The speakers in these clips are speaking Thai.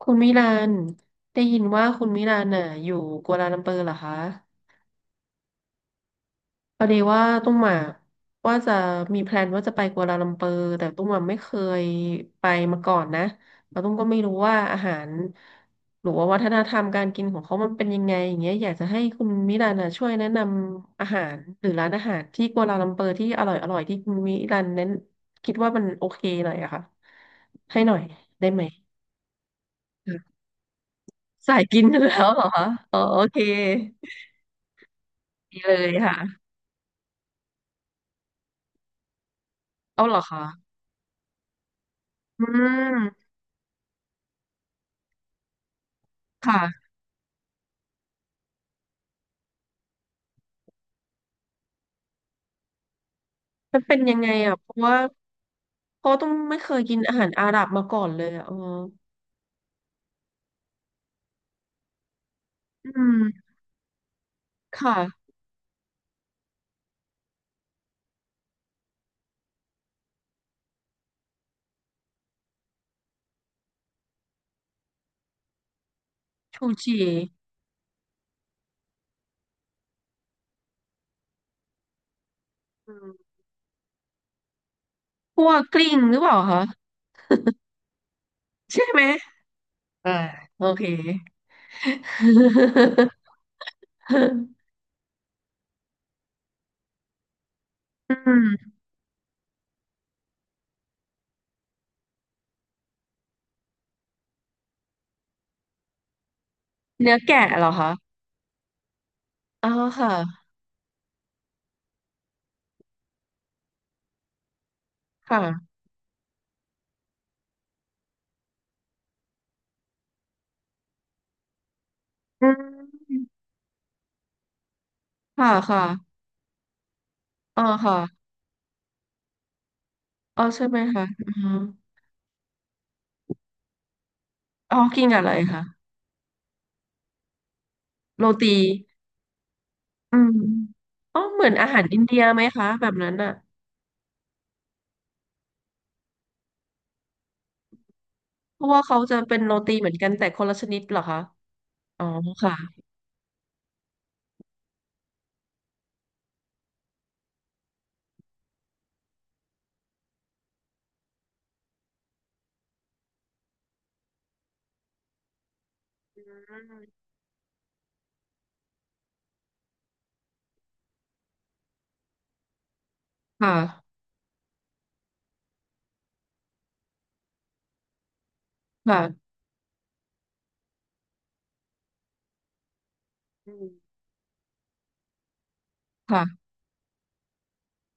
คุณมิลานได้ยินว่าคุณมิลานน่ะอยู่กัวลาลัมเปอร์เหรอคะพอดีว่าตุ้มอ่ะว่าจะมีแพลนว่าจะไปกัวลาลัมเปอร์แต่ตุ้มอ่ะไม่เคยไปมาก่อนนะแล้วตุ้มก็ไม่รู้ว่าอาหารหรือว่าวัฒนธรรมการกินของเขามันเป็นยังไงอย่างเงี้ยอยากจะให้คุณมิลานน่ะช่วยแนะนำอาหารหรือร้านอาหารที่กัวลาลัมเปอร์ที่อร่อยอร่อยที่คุณมิลานนั้นคิดว่ามันโอเคหน่อยอะค่ะให้หน่อยได้ไหม สายกินอยู่แล้วเหรอคะอ๋อโอเคดีเลยค่ะเอาเหรอคะอืมค่ะมันเป็นยังไงอ่ะเพราะว่าเพราะต้องไม่เคยกินอาหารอาหรับมาก่อนเลยอ่ะอ๋ออืมค่ะชูชีอืมพวกกลิ้งหรือเปล่าคะใช่ไหมอ่าโอเคอืมเนื้อแกะเหรอคะอ๋อค่ะค่ะอืมค่ะค่ะอ๋อค่ะอ๋อใช่ไหมคะอืมอ๋อกินกับอะไรคะ โรตีอืมอ๋อเหมือนอาหารอินเดียไหมคะแบบนั้นอ่ะเพราะว่าเขาจะเป็นโรตีเหมือนกันแต่คนละชนิดเหรอคะ อ๋อค่ะอืมค่ะค่ะอืมค่ะ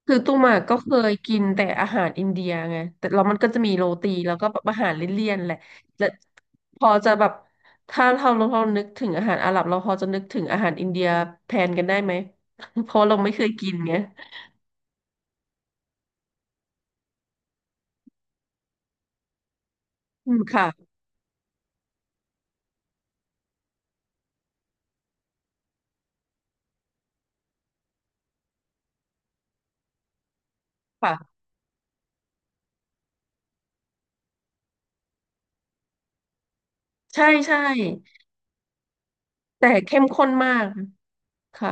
คือตุ้มอะก็เคยกินแต่อาหารอินเดียไงแต่เรามันก็จะมีโรตีแล้วก็แบบอาหารเลี่ยนๆแหละและพอจะแบบถ้าเรานึกถึงอาหารอาหรับเราพอจะนึกถึงอาหารอินเดียแทนกันได้ไหม เพราะเราไม่เคยกินไงอืมค่ะค่ะใช่ใช่แต่เข้มข้นมาก ค่ะ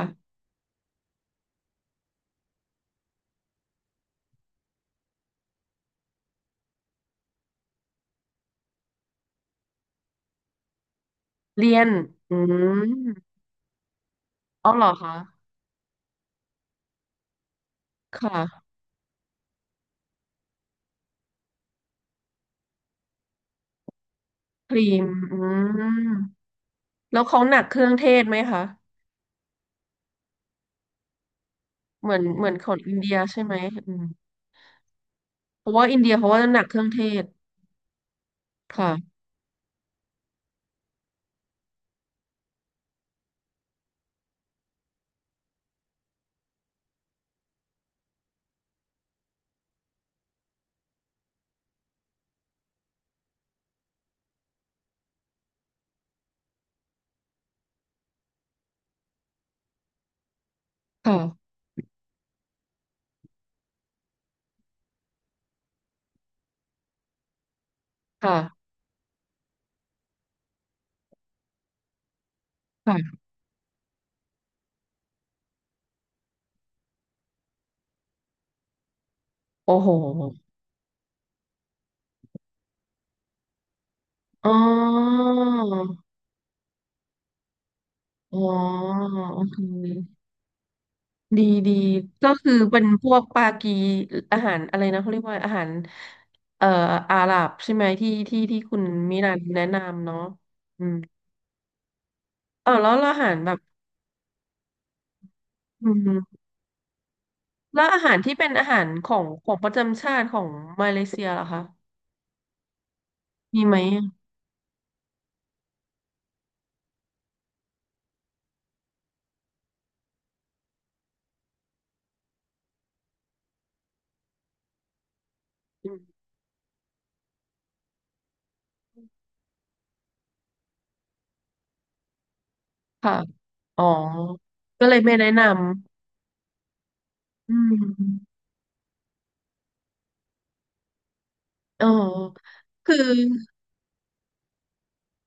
เรียนอืมอ๋อเหรอคะค่ะครีมอืมแล้วเขาหนักเครื่องเทศไหมคะเหมือนเหมือนของอินเดียใช่ไหมอืมเพราะว่าอินเดียเขาว่าหนักเครื่องเทศค่ะค่ะค่ะค่ะโอ้โหอ๋ออ๋อโอเคดีดีก็คือเป็นพวกปากีอาหารอะไรนะเขาเรียกว่าอาหารเอ่ออาหรับใช่ไหมที่คุณมิรันแนะนำเนาะอืม เออแล้วอาหารแบบอืมแล้วอาหารที่เป็นอาหารของประจำชาติของมาเลเซียเหรอคะมีไหมอะอืมค่ะอ๋อก็เลยไม่แนะนำอืมอ๋อคือ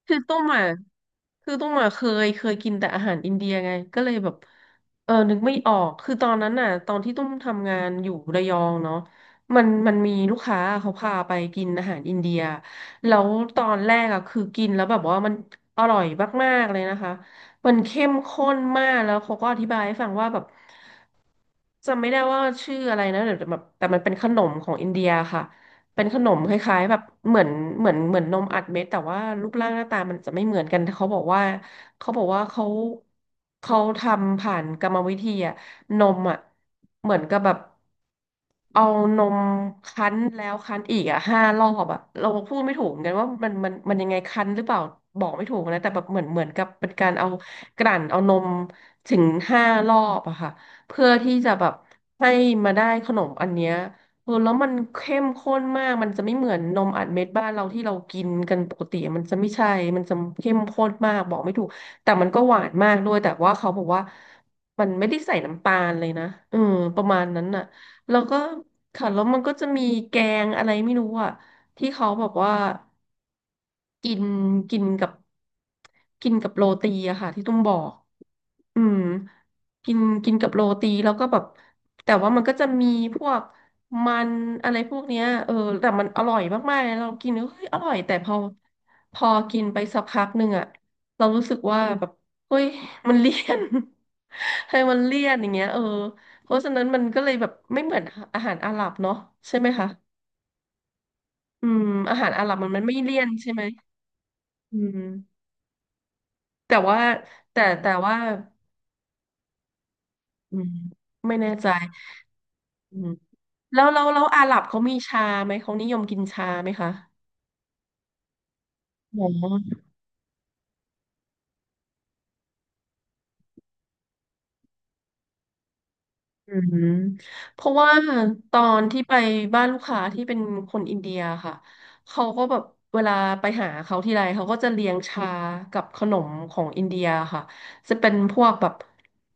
คือตุ้มอ่ะคือตุ้มอ่ะเคยเคยกินแต่อาหารอินเดียไงก็เลยแบบเออนึกไม่ออกคือตอนนั้นน่ะตอนที่ตุ้มทำงานอยู่ระยองเนาะมันมันมีลูกค้าเขาพาไปกินอาหารอินเดียแล้วตอนแรกอ่ะคือกินแล้วแบบว่ามันอร่อยมากๆเลยนะคะมันเข้มข้นมากแล้วเขาก็อธิบายให้ฟังว่าแบบจำไม่ได้ว่าชื่ออะไรนะเดี๋ยวแบบแต่มันเป็นขนมของอินเดียค่ะ เป็นขนมคล้ายๆแบบเหมือนเหมือนนมอัดเม็ดแต่ว่ารูปร่างหน้าตามันจะไม่เหมือนกันแต่เขาบอกว่าเขาบอกว่าเขาทำผ่านกรรมวิธีอะนมอะเหมือนกับแบบ เอานมคั้นแล้วคั้นอีกอ่ะห้ารอบอ่ะเราพูดไม่ถูกเหมือนกันว่ามันยังไงคั้นหรือเปล่าบอกไม่ถูกนะแต่แบบเหมือนเหมือนกับเป็นการเอากลั่นเอานมถึงห้ารอบอะค่ะเพื่อที่จะแบบให้มาได้ขนมอันเนี้ยเออแล้วมันเข้มข้นมากมันจะไม่เหมือนนมอัดเม็ดบ้านเราที่เรากินกันปกติมันจะไม่ใช่มันจะเข้มข้นมากบอกไม่ถูกแต่มันก็หวานมากด้วยแต่ว่าเขาบอกว่ามันไม่ได้ใส่น้ำตาลเลยนะเออประมาณนั้นน่ะ แล้วก็ค่ะแล้วมันก็จะมีแกงอะไรไม่รู้อ่ะที่เขาบอกว่า กินกินกับกินกับโรตีอะค่ะที่ตุ้มบอกอืมกินกินกับโรตีแล้วก็แบบแต่ว่ามันก็จะมีพวกมันอะไรพวกเนี้ยเออแต่มันอร่อยมากๆเลยเรากินแล้วเฮ้ยอร่อยแต่พอกินไปสักพักหนึ่งอะเรารู้สึกว่าแบบเฮ้ยมันเลี่ยน ให้มันเลี่ยนอย่างเงี้ยเออเพราะฉะนั้นมันก็เลยแบบไม่เหมือนอาหารอาหรับเนาะใช่ไหมคะอืมอาหารอาหรับมันไม่เลี่ยนใช่ไหมอืม แต่ว่าแต่ว่าอืมไม่แน่ใจอืมแล้วอาหรับเขามีชาไหมเขานิยมกินชาไหมคะอ๋อ อืมเพราะว่าตอนที่ไปบ้านลูกค้าที่เป็นคนอินเดียค่ะเขาก็แบบเวลาไปหาเขาทีไรเขาก็จะเลี้ยงชากับขนมของอินเดียค่ะจะเป็นพวกแบบ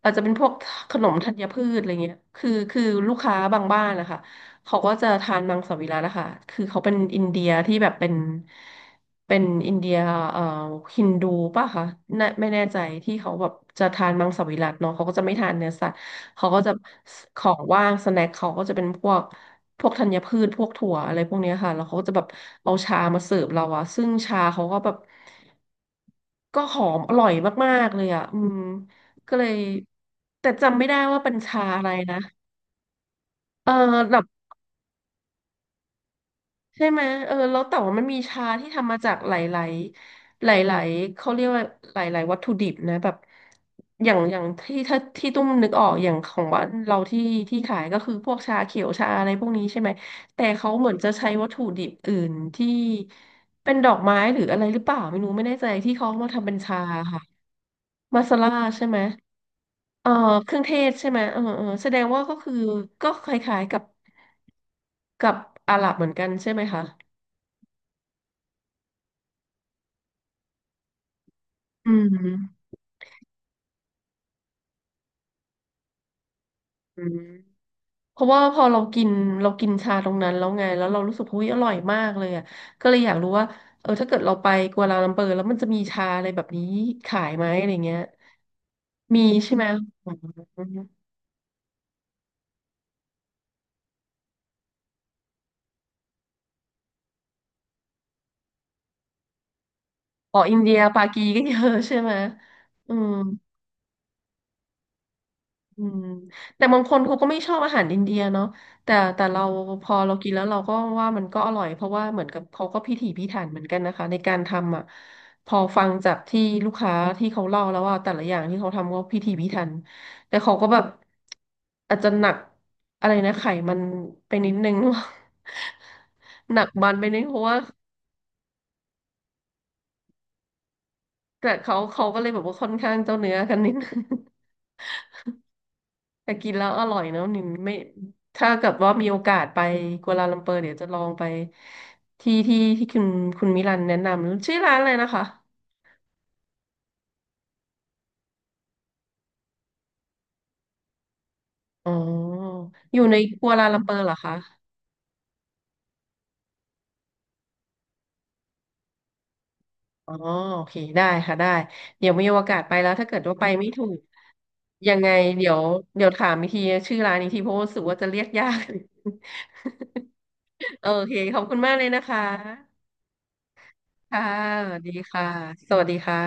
อาจจะเป็นพวกขนมธัญพืชอะไรเงี้ยคือลูกค้าบางบ้านนะคะเขาก็จะทานมังสวิรัตินะคะคือเขาเป็นอินเดียที่แบบเป็นอินเดียเอ่อฮินดูป่ะคะน่ะไม่แน่ใจที่เขาแบบจะทานมังสวิรัติเนาะเขาก็จะไม่ทานเนื้อสัตว์ เขาก็จะของว่างสแน็คเขาก็จะเป็นพวกพวกธัญพืชพวกถั่วอะไรพวกเนี้ยค่ะแล้วเขาก็จะแบบเอาชามาเสิร์ฟเราอะซึ่งชาเขาก็แบบก็หอมอร่อยมากๆเลยอะอืมก็เลยแต่จำไม่ได้ว่าเป็นชาอะไรนะเออแบบ ใช่ไหมเออแล้วแต่ว่ามันมีชาที่ทำมาจากหลายๆหลายๆเขาเรียกว่าหลายๆวัตถุดิบนะแบบอย่างที่ถ้าที่ตุ้มนึกออกอย่างของบ้านเราที่ขายก็คือพวกชาเขียวชาอะไรพวกนี้ใช่ไหมแต่เขาเหมือนจะใช้วัตถุดิบอื่นที่เป็นดอกไม้หรืออะไรหรือเปล่าไม่รู้ไม่แน่ใจที่เขามาทำเป็นชาค่ะมาซาล่าใช่ไหมเอ่อเครื่องเทศใช่ไหมเออเออแสดงว่าก็คือก็คล้ายๆกับกับอาหรับเหมือนกันใช่ไหมคะอืมอืม เพราะว่าพอเรากินเรากินชาตรงนั้นแล้วไงแล้วเรารู้สึกหุ้ยอร่อยมากเลยอ่ะก็เลยอยากรู้ว่าเออถ้าเกิดเราไปกัวลาลัมเปอร์แล้วมันจะมีชาอะไรแบบนี้ขายไหมอะไรเงี้ยมีใช่ไหมอมอ๋ออินเดียปากีก็เยอะใช่ไหมอืม อืมแต่บางคนเขาก็ไม่ชอบอาหารอินเดียเนาะแต่เราพอเรากินแล้วเราก็ว่ามันก็อร่อยเพราะว่าเหมือนกับเขาก็พิถีพิถันเหมือนกันนะคะในการทำอ่ะพอฟังจากที่ลูกค้าที่เขาเล่าแล้วว่าแต่ละอย่างที่เขาทำก็พิถีพิถันแต่เขาก็แบบอาจจะหนักอะไรนะไขมันไปนิดนึง หนักมันไปนิดเพราะว่าแต่เขาก็เลยแบบว่าค่อนข้างเจ้าเนื้อกันนิดนึง แต่กินแล้วอร่อยเนอะนิมไม่ถ้าเกิดว่ามีโอกาสไปกัวลาลัมเปอร์เดี๋ยวจะลองไปที่คุณมิลันแนะนำชื่อร้านอะไรนะคะอ๋ออยู่ในกัวลาลัมเปอร์เหรอคะอ๋อโอเคได้ค่ะได้เดี๋ยวมีโอกาสไปแล้วถ้าเกิดว่าไปไม่ถูกยังไงเดี๋ยวเดี๋ยวถามอีกทีชื่อร้านอีกทีเพราะว่ารู้สึกว่าจะเรียกยาก โอเคขอบคุณมากเลยนะคะค่ะสวัสดีค่ะสวัสดีค่ะ